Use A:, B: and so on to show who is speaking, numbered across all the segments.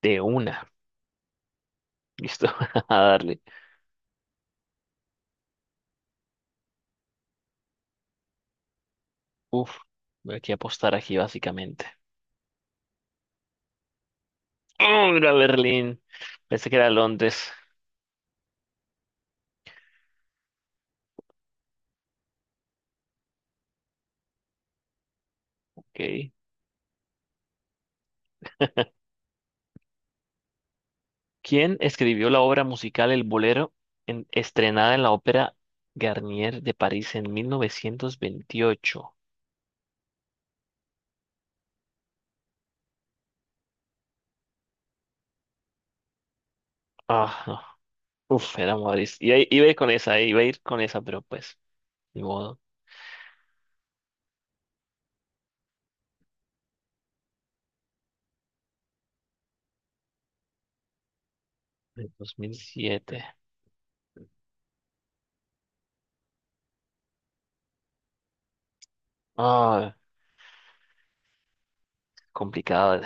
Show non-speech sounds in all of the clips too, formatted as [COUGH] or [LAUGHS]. A: De una. Listo. [LAUGHS] A darle. Uf. Voy aquí a apostar aquí, básicamente. ¡Oh, era Berlín! Pensé que era Londres. Ok. ¿Quién escribió la obra musical El Bolero estrenada en la Ópera Garnier de París en 1928? Ah, no. Uf, era Maurice. Iba a ir con esa, iba a ir con esa, pero pues, ni modo. En 2007. Ah, complicado.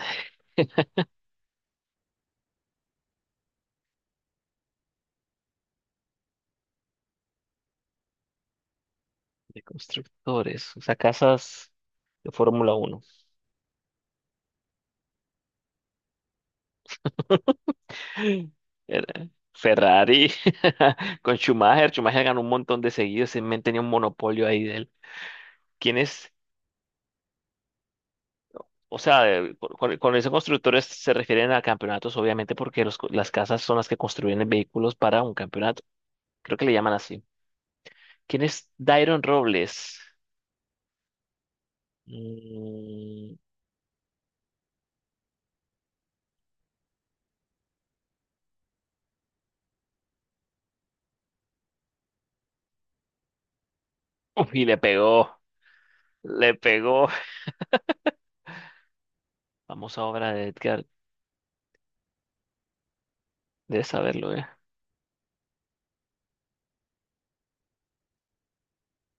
A: De constructores. O sea, casas de Fórmula uno. [LAUGHS] Era Ferrari [LAUGHS] con Schumacher. Schumacher ganó un montón de seguidos. Ese men tenía un monopolio ahí de él. ¿Quién es? O sea, con esos constructores se refieren a campeonatos, obviamente, porque las casas son las que construyen los vehículos para un campeonato. Creo que le llaman así. ¿Quién es Dairon Robles? Mm, uf, y le pegó. Le pegó. Vamos a obra de Edgar. Debes saberlo, ¿eh?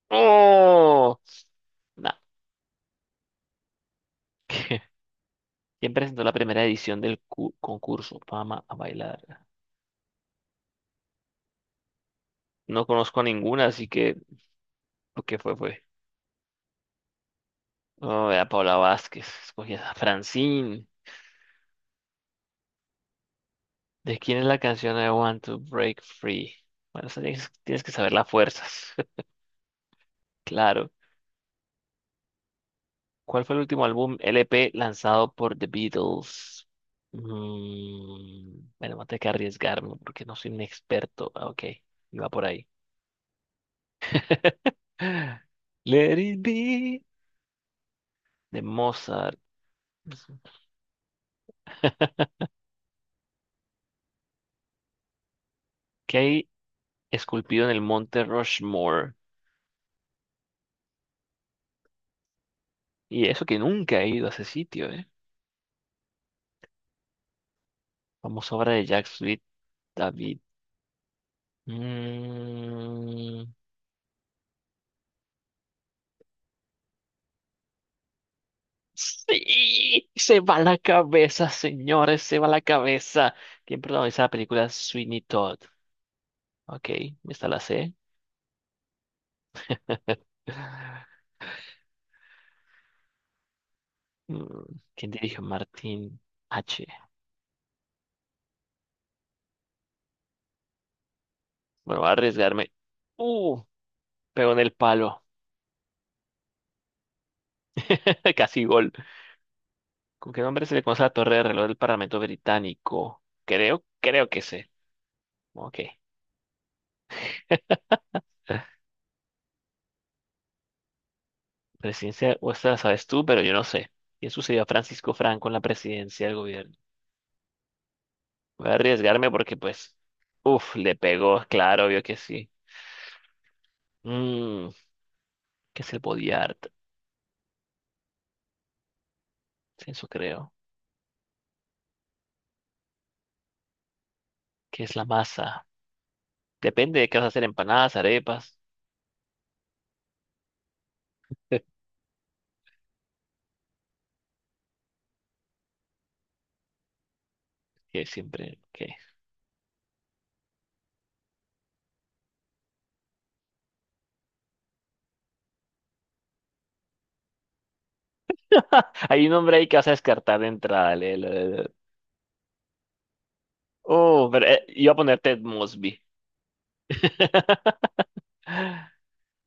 A: ¡Oh! Nah. [LAUGHS] ¿Quién presentó la primera edición del concurso Fama a bailar? No conozco a ninguna, así que lo que fue fue. Oh, a Paula Vázquez, escogí a [LAUGHS] Francine. ¿De quién es la canción I Want to Break Free? Bueno, esa tienes, que saber las fuerzas. [LAUGHS] Claro. ¿Cuál fue el último álbum LP lanzado por The Beatles? Bueno, voy a tener que arriesgarme porque no soy un experto. Ah, ok, iba por ahí. [LAUGHS] Let it be de Mozart. [LAUGHS] ¿Qué hay esculpido en el monte Rushmore? Y eso que nunca he ido a ese sitio, ¿eh? Famosa obra de Jacques Sweet David. Mm, sí, se va la cabeza, señores, se va la cabeza. ¿Quién protagoniza la película Sweeney Todd? Ok, esta la sé. [SIGHS] Mm, ¿quién dirigió Martin H? Bueno, voy a arriesgarme. Uh, pegó en el palo. [LAUGHS] Casi gol. ¿Con qué nombre se le conoce la torre de reloj del Parlamento Británico? Creo, que sé. Ok. [LAUGHS] Presidencia, o esta la sabes tú, pero yo no sé. ¿Qué sucedió a Francisco Franco en la presidencia del gobierno? Voy a arriesgarme porque, pues, uff, le pegó, claro, obvio que sí. Mm, ¿Qué es el body art? Eso creo. ¿Qué es la masa? Depende de qué vas a hacer, empanadas, arepas, [LAUGHS] que siempre, que [LAUGHS] hay un nombre ahí que vas a descartar de entrada. Oh, pero iba a poner Ted Mosby. [LAUGHS]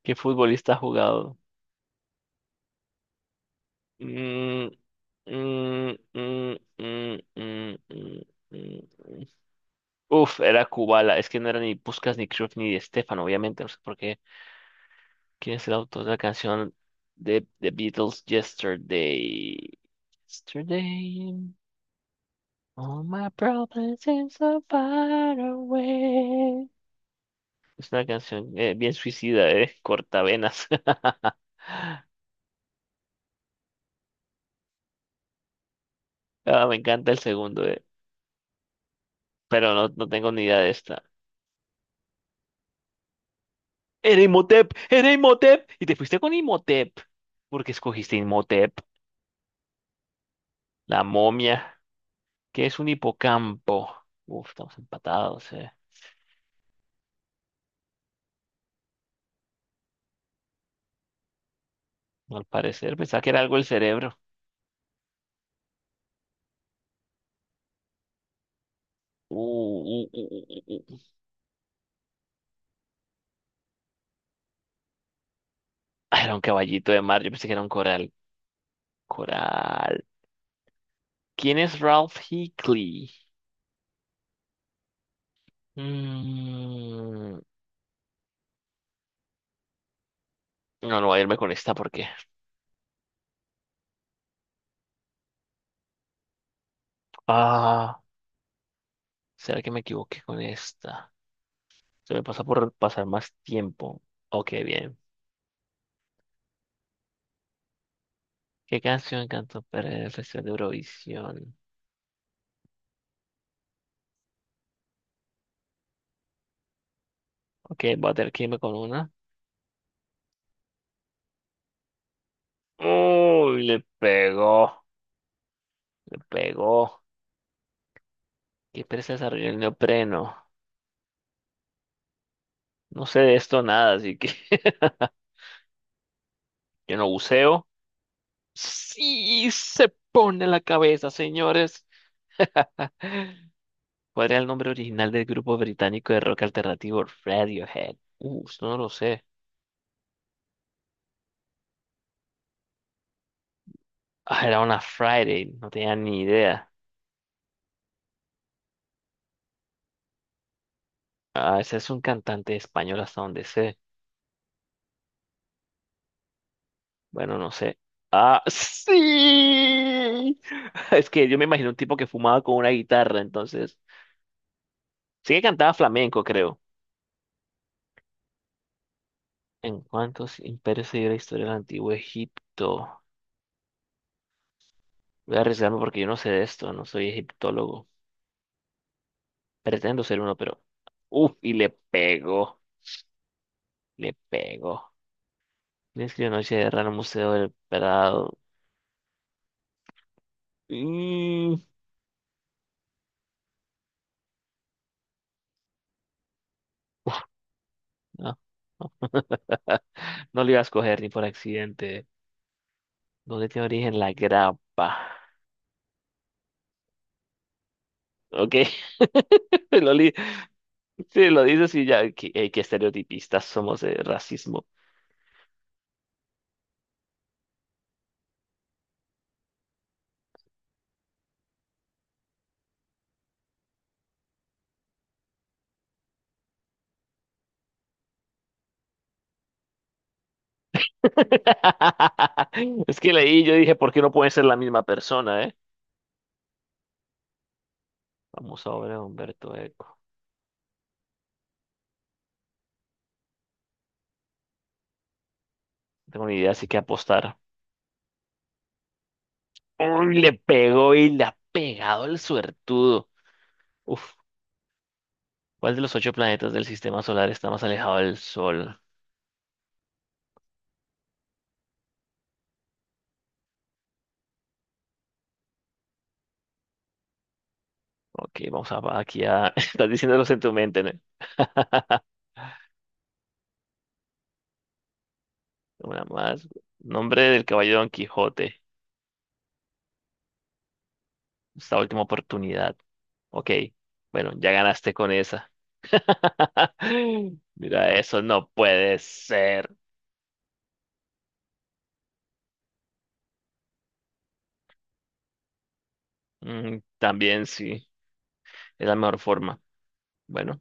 A: ¿Qué futbolista ha jugado? Mm, mm, mm, mm, mm, mm, mm, mm. Uf, era Kubala. Es que no era ni Puskas, ni Cruyff, ni Di Stefano, obviamente. No sé por qué. ¿Quién es el autor de la canción de The Beatles Yesterday? Yesterday. All my problems seem so far away. Es una canción bien suicida, eh. Cortavenas. [LAUGHS] Ah, me encanta el segundo, eh. Pero no tengo ni idea de esta. Era Imhotep, era Imhotep. Y te fuiste con Imhotep. ¿Por qué escogiste Imhotep? La momia. ¿Qué es un hipocampo? Uf, estamos empatados, eh. Al parecer pensaba que era algo el cerebro. Uh, uh, uh, uh, uh, uh. uh. Ah, era un caballito de mar, yo pensé que era un coral. Coral. ¿Quién es Ralph Hickley? Mm, No, no voy a irme con esta porque. Ah, ¿será que me equivoqué con esta? Se me pasó por pasar más tiempo. Ok, bien. ¿Qué canción cantó Pérez en el Festival de Eurovisión? Ok, voy a tener que irme con una. Uy, le pegó. Le pegó. ¿Qué pereza desarrolló el neopreno? No sé de esto nada, así que [LAUGHS] yo no buceo. Sí, se pone la cabeza, señores. ¿Cuál era el nombre original del grupo británico de rock alternativo Radiohead? Esto no lo sé. Ah, era una Friday, no tenía ni idea. Ah, ese es un cantante español hasta donde sé. Bueno, no sé. Ah, sí. [LAUGHS] Es que yo me imagino un tipo que fumaba con una guitarra, entonces. Sí que cantaba flamenco, creo. ¿En cuántos imperios se dio la historia del antiguo Egipto? Voy a arriesgarme porque yo no sé de esto, no soy egiptólogo. Pretendo ser uno, pero... Uf, y le pegó, le pegó. Le escribió Noche de Guerra en el Museo del Prado. Mm, no, no, no lo iba a escoger ni por accidente. ¿Dónde tiene origen la grapa? Ok, [LAUGHS] lo, li- sí, lo dices y ya, qué, qué estereotipistas somos de racismo. [LAUGHS] Es que leí, yo dije, ¿por qué no pueden ser la misma persona, eh? Vamos a ver a Humberto Eco. No tengo ni idea, así que apostar. Uy, le pegó y le ha pegado el suertudo. Uf, ¿cuál de los ocho planetas del sistema solar está más alejado del Sol? Ok, vamos a aquí a... [LAUGHS] estás diciéndolos en tu mente, ¿no? [LAUGHS] Una más. Nombre del caballero Don Quijote. Esta última oportunidad. Ok. Bueno, ya ganaste con esa. [LAUGHS] Mira, eso no puede ser. Mm, también sí. Es la mejor forma. Bueno,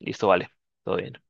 A: listo, vale. Todo bien.